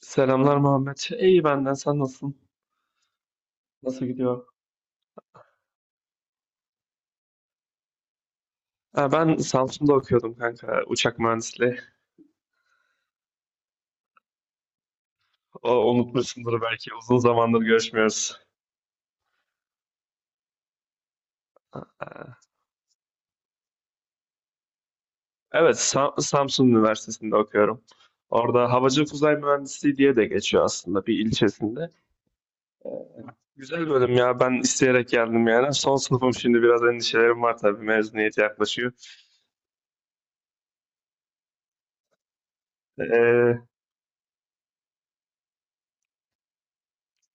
Selamlar Muhammed. İyi benden. Sen nasılsın? Nasıl gidiyor? Ha, ben Samsun'da okuyordum kanka. Uçak mühendisliği. O, unutmuşsundur belki. Uzun zamandır görüşmüyoruz. Ha, evet, Samsun Üniversitesi'nde okuyorum. Orada Havacılık Uzay Mühendisliği diye de geçiyor aslında bir ilçesinde. Güzel bölüm ya. Ben isteyerek geldim yani. Son sınıfım şimdi biraz endişelerim var tabii. Mezuniyet yaklaşıyor. Ee,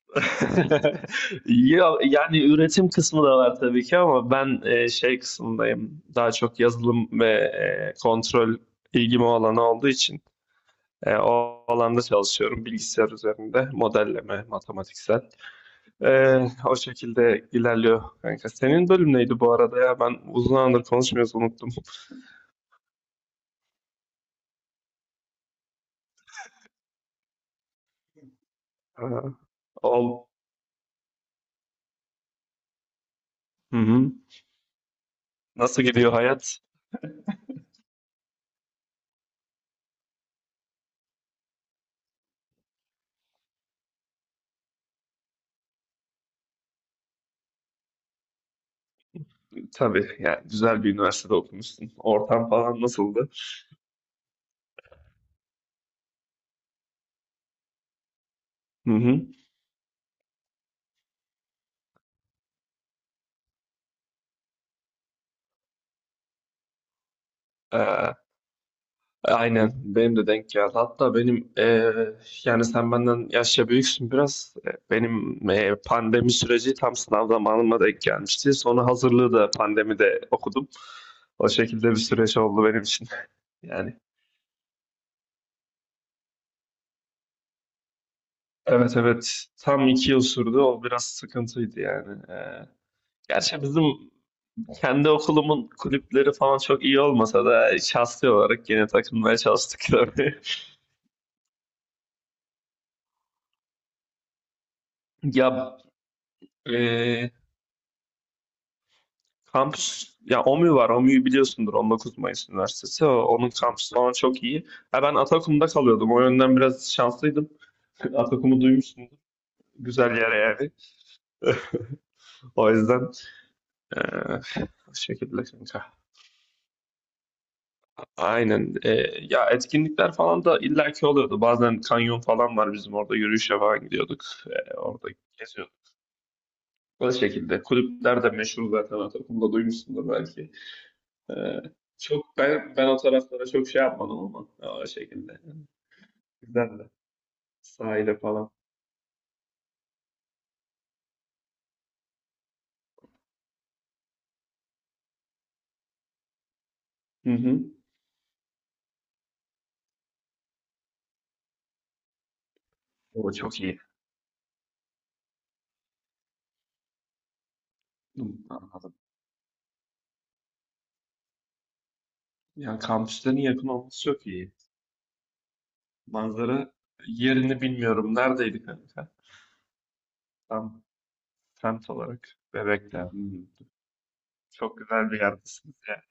Ya, yani üretim kısmı da var tabii ki ama ben şey kısmındayım. Daha çok yazılım ve kontrol ilgim o alanı olduğu için o alanda çalışıyorum. Bilgisayar üzerinde modelleme, matematiksel. E, o şekilde ilerliyor kanka. Senin bölüm neydi bu arada ya? Ben uzun zamandır konuşmuyoruz unuttum. Ha, ol. Hı hı. Nasıl gidiyor hayat? Tabii yani güzel bir üniversitede okumuşsun. Ortam falan nasıldı? Hı hı. Aynen benim de denk geldi. Hatta benim yani sen benden yaşça büyüksün biraz. Benim pandemi süreci tam sınav zamanıma denk gelmişti. Sonra hazırlığı da pandemide okudum. O şekilde bir süreç oldu benim için. Yani evet evet tam 2 yıl sürdü. O biraz sıkıntıydı yani. Gerçi bizim kendi okulumun kulüpleri falan çok iyi olmasa da şahsi olarak yine takılmaya çalıştık tabii. Ya eee Kampüs, ya OMÜ var. OMÜ'yü biliyorsundur. 19 Mayıs Üniversitesi. Onun kampüsü falan çok iyi. Ha, ben Atakum'da kalıyordum. O yönden biraz şanslıydım. Atakum'u duymuşsundur. Güzel yer yani. O yüzden eee bu şekilde kanka. Aynen. Ya etkinlikler falan da illaki oluyordu. Bazen kanyon falan var bizim orada. Yürüyüşe falan gidiyorduk. Orada geziyorduk. Bu şekilde. Kulüpler de meşhur zaten Atakum'da duymuşsundur belki. Ee, çok ben o taraflara çok şey yapmadım ama o şekilde. Güzeldi. Sahile falan. Hı hı. O çok iyi. Hı, anladım. Ya kampüslerin yakın olması çok iyi. Manzara yerini bilmiyorum. Neredeydi kanka? Tam semt olarak. Bebek'te. Hmm. Çok güzel bir yerdesiniz ya.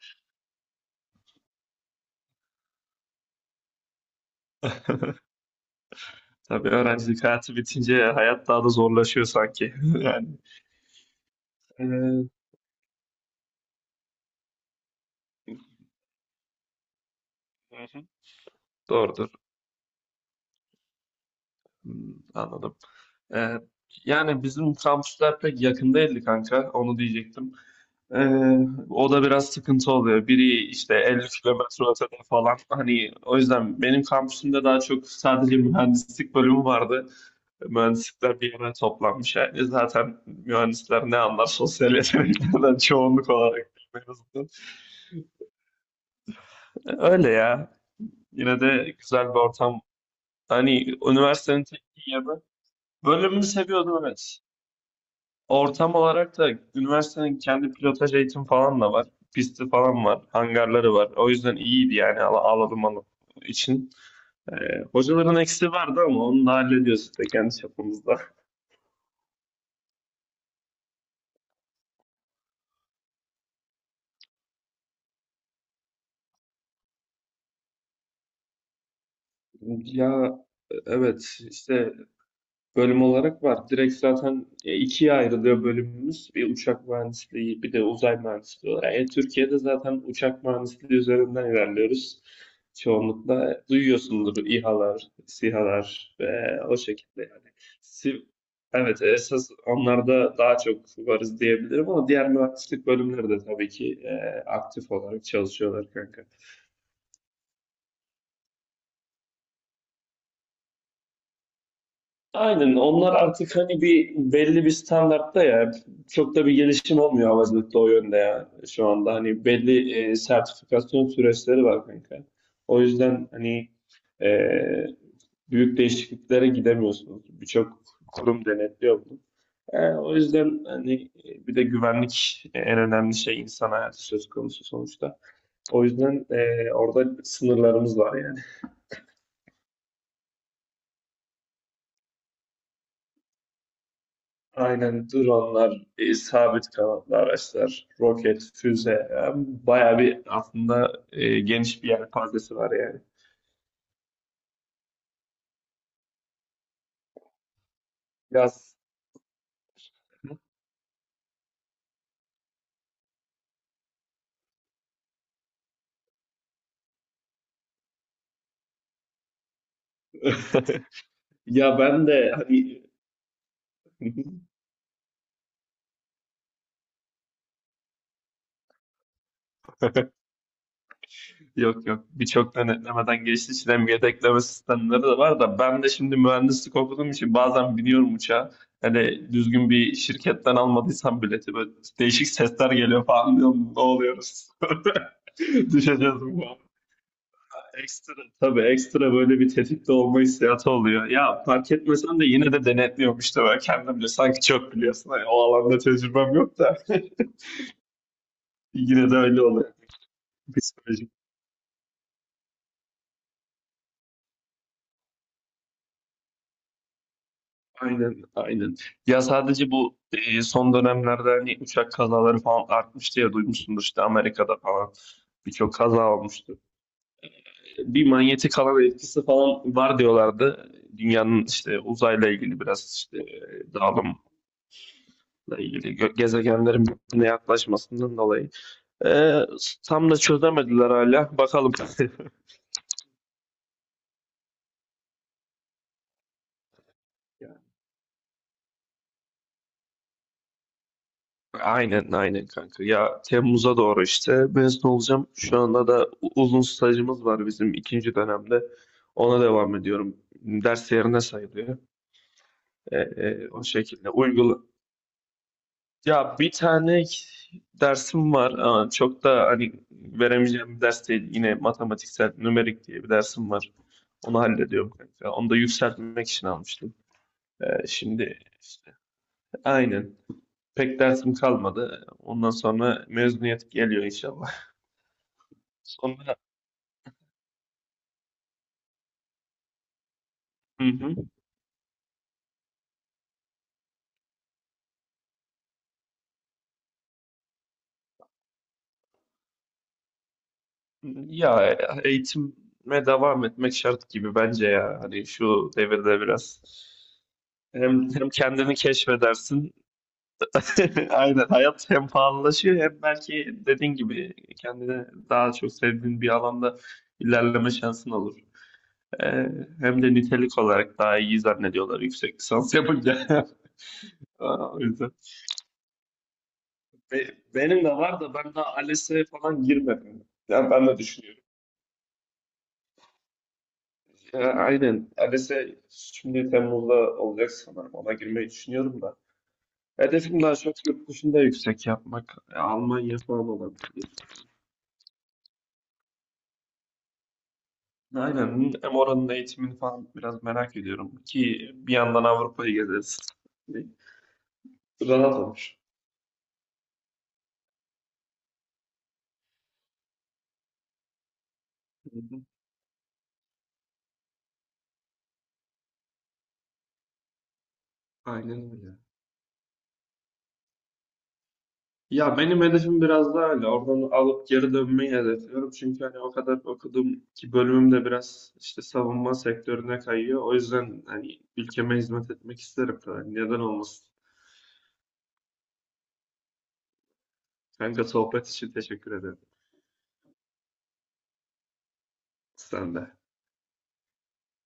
Tabii öğrencilik hayatı bitince hayat daha da zorlaşıyor sanki. Yani. Ee, Hı hı. Doğrudur. Hmm, anladım. Ee, yani bizim kampüsler pek yakın değildi kanka. Onu diyecektim. Ee, o da biraz sıkıntı oluyor. Biri işte 50 kilometre ötede falan. Hani o yüzden benim kampüsümde daha çok sadece mühendislik bölümü vardı. Mühendislikler bir yere toplanmış. Yani zaten mühendisler ne anlar sosyal yeteneklerden çoğunluk olarak en azından. Öyle ya. Yine de güzel bir ortam. Hani üniversitenin tek iyi yanı. Bölümümü seviyordum evet. Ortam olarak da üniversitenin kendi pilotaj eğitim falan da var. Pisti falan var. Hangarları var. O yüzden iyiydi yani alalım için. Ee, hocaların eksiği vardı ama onu da hallediyoruz işte kendi çapımızda. Ya evet işte bölüm olarak var. Direkt zaten ikiye ayrılıyor bölümümüz. Bir uçak mühendisliği, bir de uzay mühendisliği olarak. Yani Türkiye'de zaten uçak mühendisliği üzerinden ilerliyoruz. Çoğunlukla duyuyorsundur İHA'lar, SİHA'lar ve o şekilde yani. Si- Evet, esas onlarda daha çok varız diyebilirim ama diğer mühendislik bölümleri de tabii ki aktif olarak çalışıyorlar kanka. Aynen onlar artık hani bir belli bir standartta ya çok da bir gelişim olmuyor havacılıkta o yönde ya şu anda hani belli sertifikasyon süreçleri var kanka. O yüzden hani e, büyük değişikliklere gidemiyorsunuz. Birçok kurum denetliyor bunu. O yüzden hani bir de güvenlik en önemli şey insan hayatı söz konusu sonuçta. O yüzden orada sınırlarımız var yani. Aynen dronlar, sabit kanatlı araçlar, roket, füze. Yani bayağı bir aslında geniş bir yelpazesi var yani. Yaz. Ya ben de hani yok yok birçok denetlemeden geçtiği için hem yedekleme sistemleri de var da ben de şimdi mühendislik okuduğum için bazen biniyorum uçağa. Hani düzgün bir şirketten almadıysam bileti böyle değişik sesler geliyor falan diyorum. Ne oluyoruz? Düşeceğiz bu. Ekstra tabii ekstra böyle bir tetikte olma hissiyatı oluyor. Ya fark etmesen de yine de denetliyormuş da ben kendimce sanki çok biliyorsun. Hani o alanda tecrübem yok da yine de öyle oluyor. Psikolojik. Aynen, aynen. Ya sadece bu son dönemlerde hani uçak kazaları falan artmış diye duymuşsundur işte Amerika'da falan birçok kaza olmuştu. Bir manyetik alan etkisi falan var diyorlardı. Dünyanın işte uzayla ilgili biraz işte dağılım ilgili gezegenlerin birbirine yaklaşmasından dolayı. Ee, tam da çözemediler hala. Bakalım. Ya, aynen aynen kanka. Ya Temmuz'a doğru işte mezun olacağım. Şu anda da uzun stajımız var bizim ikinci dönemde. Ona devam ediyorum. Ders yerine sayılıyor. O şekilde. Ya bir tane dersim var ama çok da hani veremeyeceğim bir ders değil. Yine matematiksel, nümerik diye bir dersim var. Onu hallediyorum kanka. Onu da yükseltmek için almıştım. Şimdi işte, aynen. Pek dersim kalmadı. Ondan sonra mezuniyet geliyor inşallah. Sonra hı hı. Ya eğitime devam etmek şart gibi bence ya. Hani şu devirde biraz hem, hem kendini keşfedersin Aynen. Hayat hem pahalılaşıyor hem belki dediğin gibi kendine daha çok sevdiğin bir alanda ilerleme şansın olur. Ee, hem de nitelik olarak daha iyi zannediyorlar yüksek lisans yapınca. Aa, o yüzden. Benim de var da ben daha ALES'e falan girmedim. Ya ben de düşünüyorum. Ya, aynen. ALES'e şimdi Temmuz'da olacak sanırım. Ona girmeyi düşünüyorum da. Hedefim daha çok yurt dışında yüksek yapmak. Almanya falan olabilir. Aynen. Hem oranın eğitimini falan biraz merak ediyorum. Ki bir yandan Avrupa'yı gezeriz. Rahat olur. Hı hı. Aynen öyle. Ya benim hedefim biraz daha öyle. Oradan alıp geri dönmeyi hedefliyorum. Çünkü hani o kadar okudum ki bölümüm de biraz işte savunma sektörüne kayıyor. O yüzden hani ülkeme hizmet etmek isterim. Yani neden olmasın? Kanka sohbet için teşekkür ederim. Sen de.